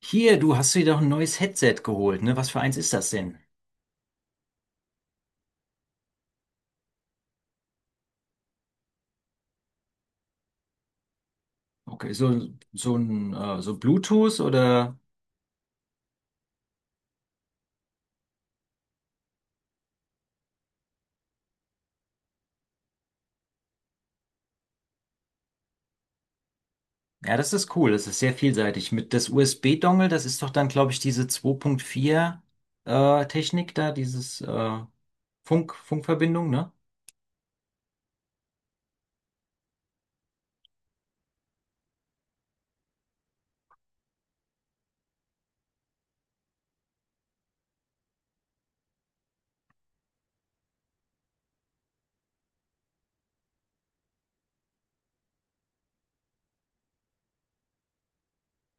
Hier, du hast dir doch ein neues Headset geholt, ne? Was für eins ist das denn? Okay, so, so ein so Bluetooth oder? Ja, das ist cool. Das ist sehr vielseitig. Mit das USB-Dongle, das ist doch dann, glaube ich, diese 2.4 Technik da, dieses Funkverbindung, ne?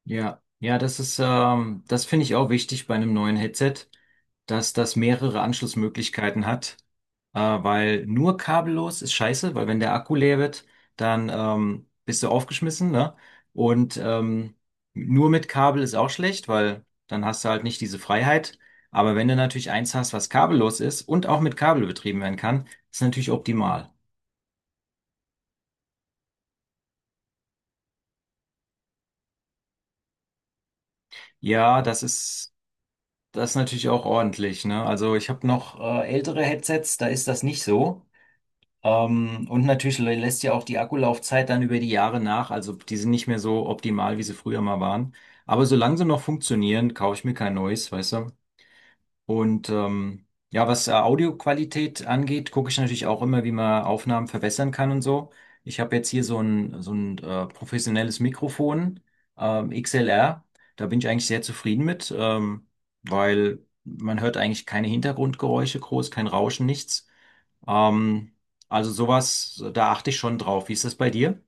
Ja, ja, das ist, das finde ich auch wichtig bei einem neuen Headset, dass das mehrere Anschlussmöglichkeiten hat, weil nur kabellos ist scheiße, weil wenn der Akku leer wird, dann bist du aufgeschmissen, ne? Und nur mit Kabel ist auch schlecht, weil dann hast du halt nicht diese Freiheit. Aber wenn du natürlich eins hast, was kabellos ist und auch mit Kabel betrieben werden kann, ist natürlich optimal. Ja, das ist das ist natürlich auch ordentlich, ne? Also ich habe noch ältere Headsets, da ist das nicht so. Und natürlich lässt ja auch die Akkulaufzeit dann über die Jahre nach. Also die sind nicht mehr so optimal, wie sie früher mal waren. Aber solange sie noch funktionieren, kaufe ich mir kein neues, weißt du? Und ja, was Audioqualität angeht, gucke ich natürlich auch immer, wie man Aufnahmen verbessern kann und so. Ich habe jetzt hier so ein professionelles Mikrofon, XLR. Da bin ich eigentlich sehr zufrieden mit, weil man hört eigentlich keine Hintergrundgeräusche groß, kein Rauschen, nichts. Ähm, also sowas, da achte ich schon drauf. Wie ist das bei dir?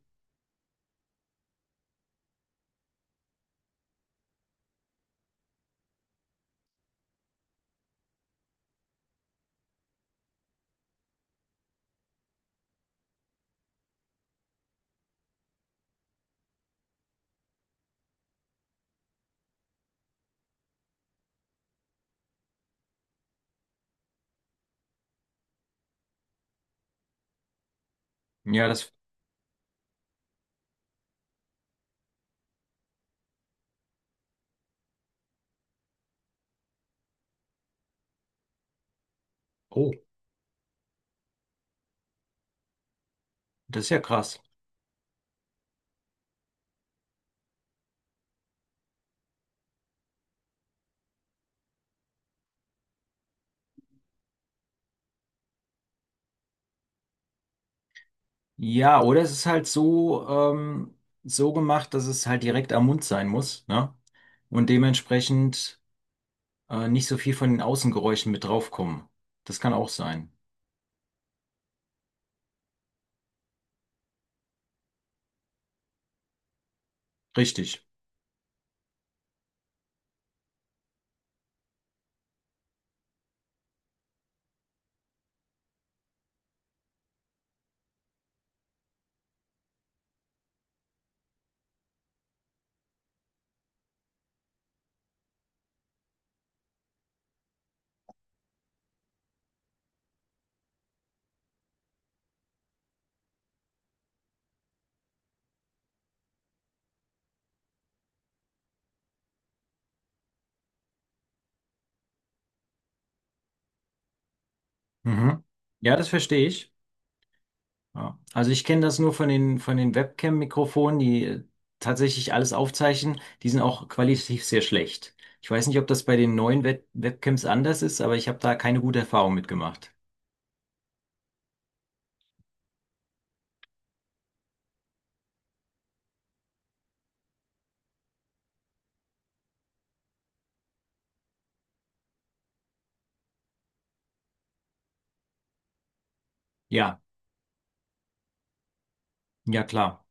Ja, das, oh, das ist ja krass. Ja, oder es ist halt so, so gemacht, dass es halt direkt am Mund sein muss, ne? Und dementsprechend nicht so viel von den Außengeräuschen mit draufkommen. Das kann auch sein. Richtig. Mhm. Ja, das verstehe ich. Ja. Also ich kenne das nur von den Webcam-Mikrofonen, die tatsächlich alles aufzeichnen. Die sind auch qualitativ sehr schlecht. Ich weiß nicht, ob das bei den neuen Webcams anders ist, aber ich habe da keine gute Erfahrung mitgemacht. Ja, ja klar.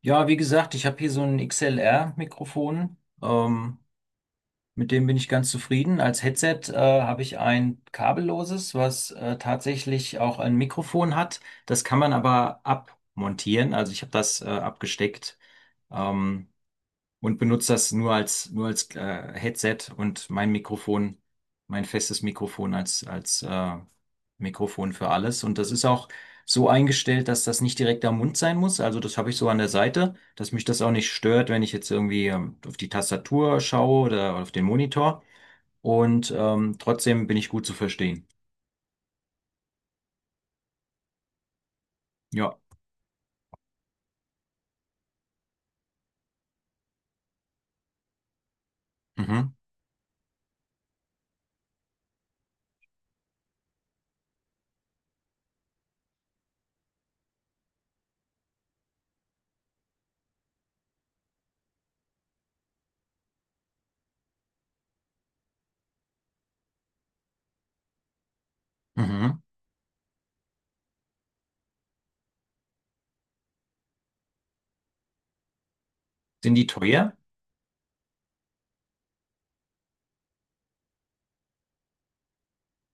Ja, wie gesagt, ich habe hier so ein XLR-Mikrofon. Ähm, mit dem bin ich ganz zufrieden. Als Headset habe ich ein kabelloses, was tatsächlich auch ein Mikrofon hat. Das kann man aber abmontieren. Also ich habe das abgesteckt. Ähm, und benutze das nur als Headset und mein Mikrofon, mein festes Mikrofon als Mikrofon für alles. Und das ist auch so eingestellt, dass das nicht direkt am Mund sein muss. Also das habe ich so an der Seite, dass mich das auch nicht stört, wenn ich jetzt irgendwie auf die Tastatur schaue oder auf den Monitor. Und trotzdem bin ich gut zu verstehen. Ja. Mhm. Mhm. Sind die teuer?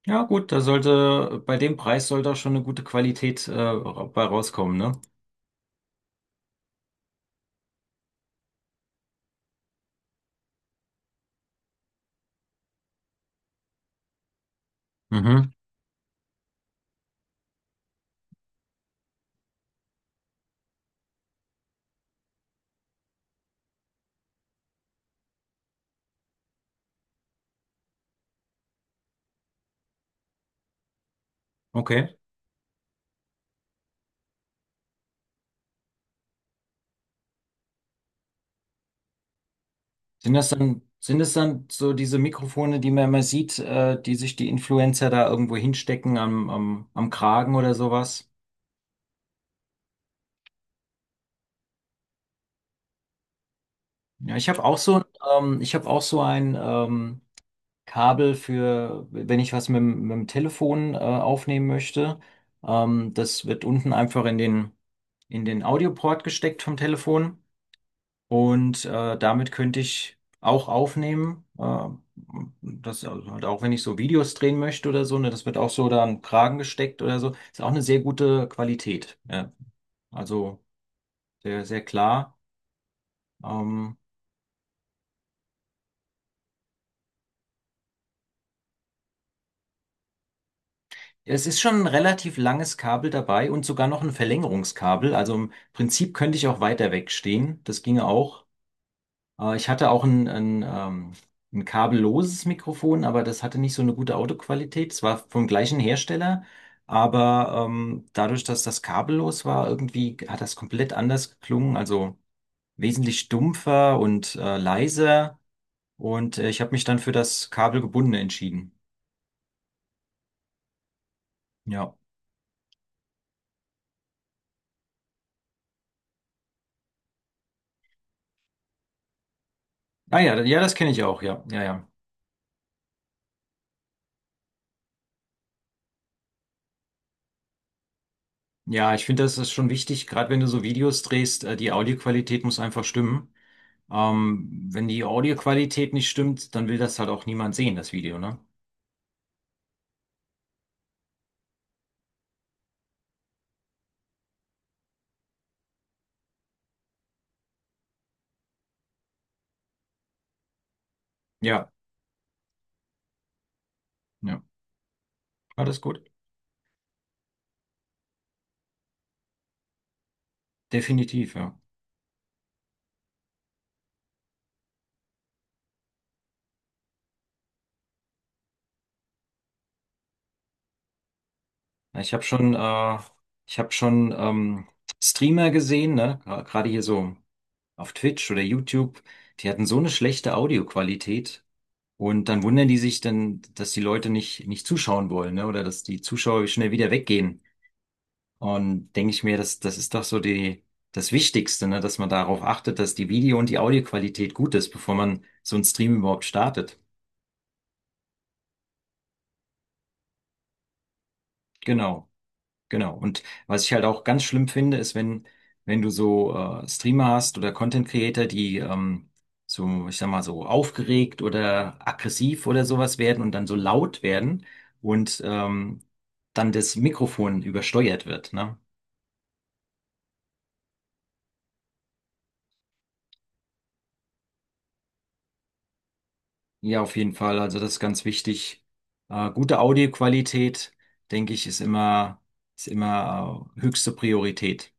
Ja, gut, da sollte, bei dem Preis sollte auch schon eine gute Qualität bei rauskommen, ne? Mhm. Okay. Sind das dann, sind es dann so diese Mikrofone, die man immer sieht, die sich die Influencer da irgendwo hinstecken am Kragen oder sowas? Ja, ich habe auch so, ich habe auch so ein Kabel für, wenn ich was mit, mit dem Telefon aufnehmen möchte. Das wird unten einfach in den Audioport gesteckt vom Telefon. Und damit könnte ich auch aufnehmen. Das also halt auch, wenn ich so Videos drehen möchte oder so, ne, das wird auch so da an den Kragen gesteckt oder so. Ist auch eine sehr gute Qualität. Ja. Also sehr, sehr klar. Ähm, Es ist schon ein relativ langes Kabel dabei und sogar noch ein Verlängerungskabel. Also im Prinzip könnte ich auch weiter wegstehen. Das ginge auch. Ich hatte auch ein kabelloses Mikrofon, aber das hatte nicht so eine gute Audioqualität. Es war vom gleichen Hersteller, aber dadurch, dass das kabellos war, irgendwie hat das komplett anders geklungen, also wesentlich stumpfer und leiser. Und ich habe mich dann für das kabelgebundene entschieden. Ja. Ah ja, ja, das kenne ich auch, ja. Ja, ja. Ja, ich finde, das ist schon wichtig, gerade wenn du so Videos drehst, die Audioqualität muss einfach stimmen. Wenn die Audioqualität nicht stimmt, dann will das halt auch niemand sehen, das Video, ne? Ja, ja, alles gut. Definitiv, ja. Na, ich habe schon, ich habe schon Streamer gesehen, ne? Gerade hier so auf Twitch oder YouTube, die hatten so eine schlechte Audioqualität und dann wundern die sich dann, dass die Leute nicht zuschauen wollen, ne? Oder dass die Zuschauer schnell wieder weggehen. Und denke ich mir, das ist doch so die, das Wichtigste, ne, dass man darauf achtet, dass die Video- und die Audioqualität gut ist, bevor man so einen Stream überhaupt startet. Genau, genau. Und was ich halt auch ganz schlimm finde, ist, wenn du so Streamer hast oder Content Creator, die so, ich sag mal, so aufgeregt oder aggressiv oder sowas werden und dann so laut werden und dann das Mikrofon übersteuert wird, ne? Ja, auf jeden Fall. Also das ist ganz wichtig. Gute Audioqualität, denke ich, ist immer höchste Priorität.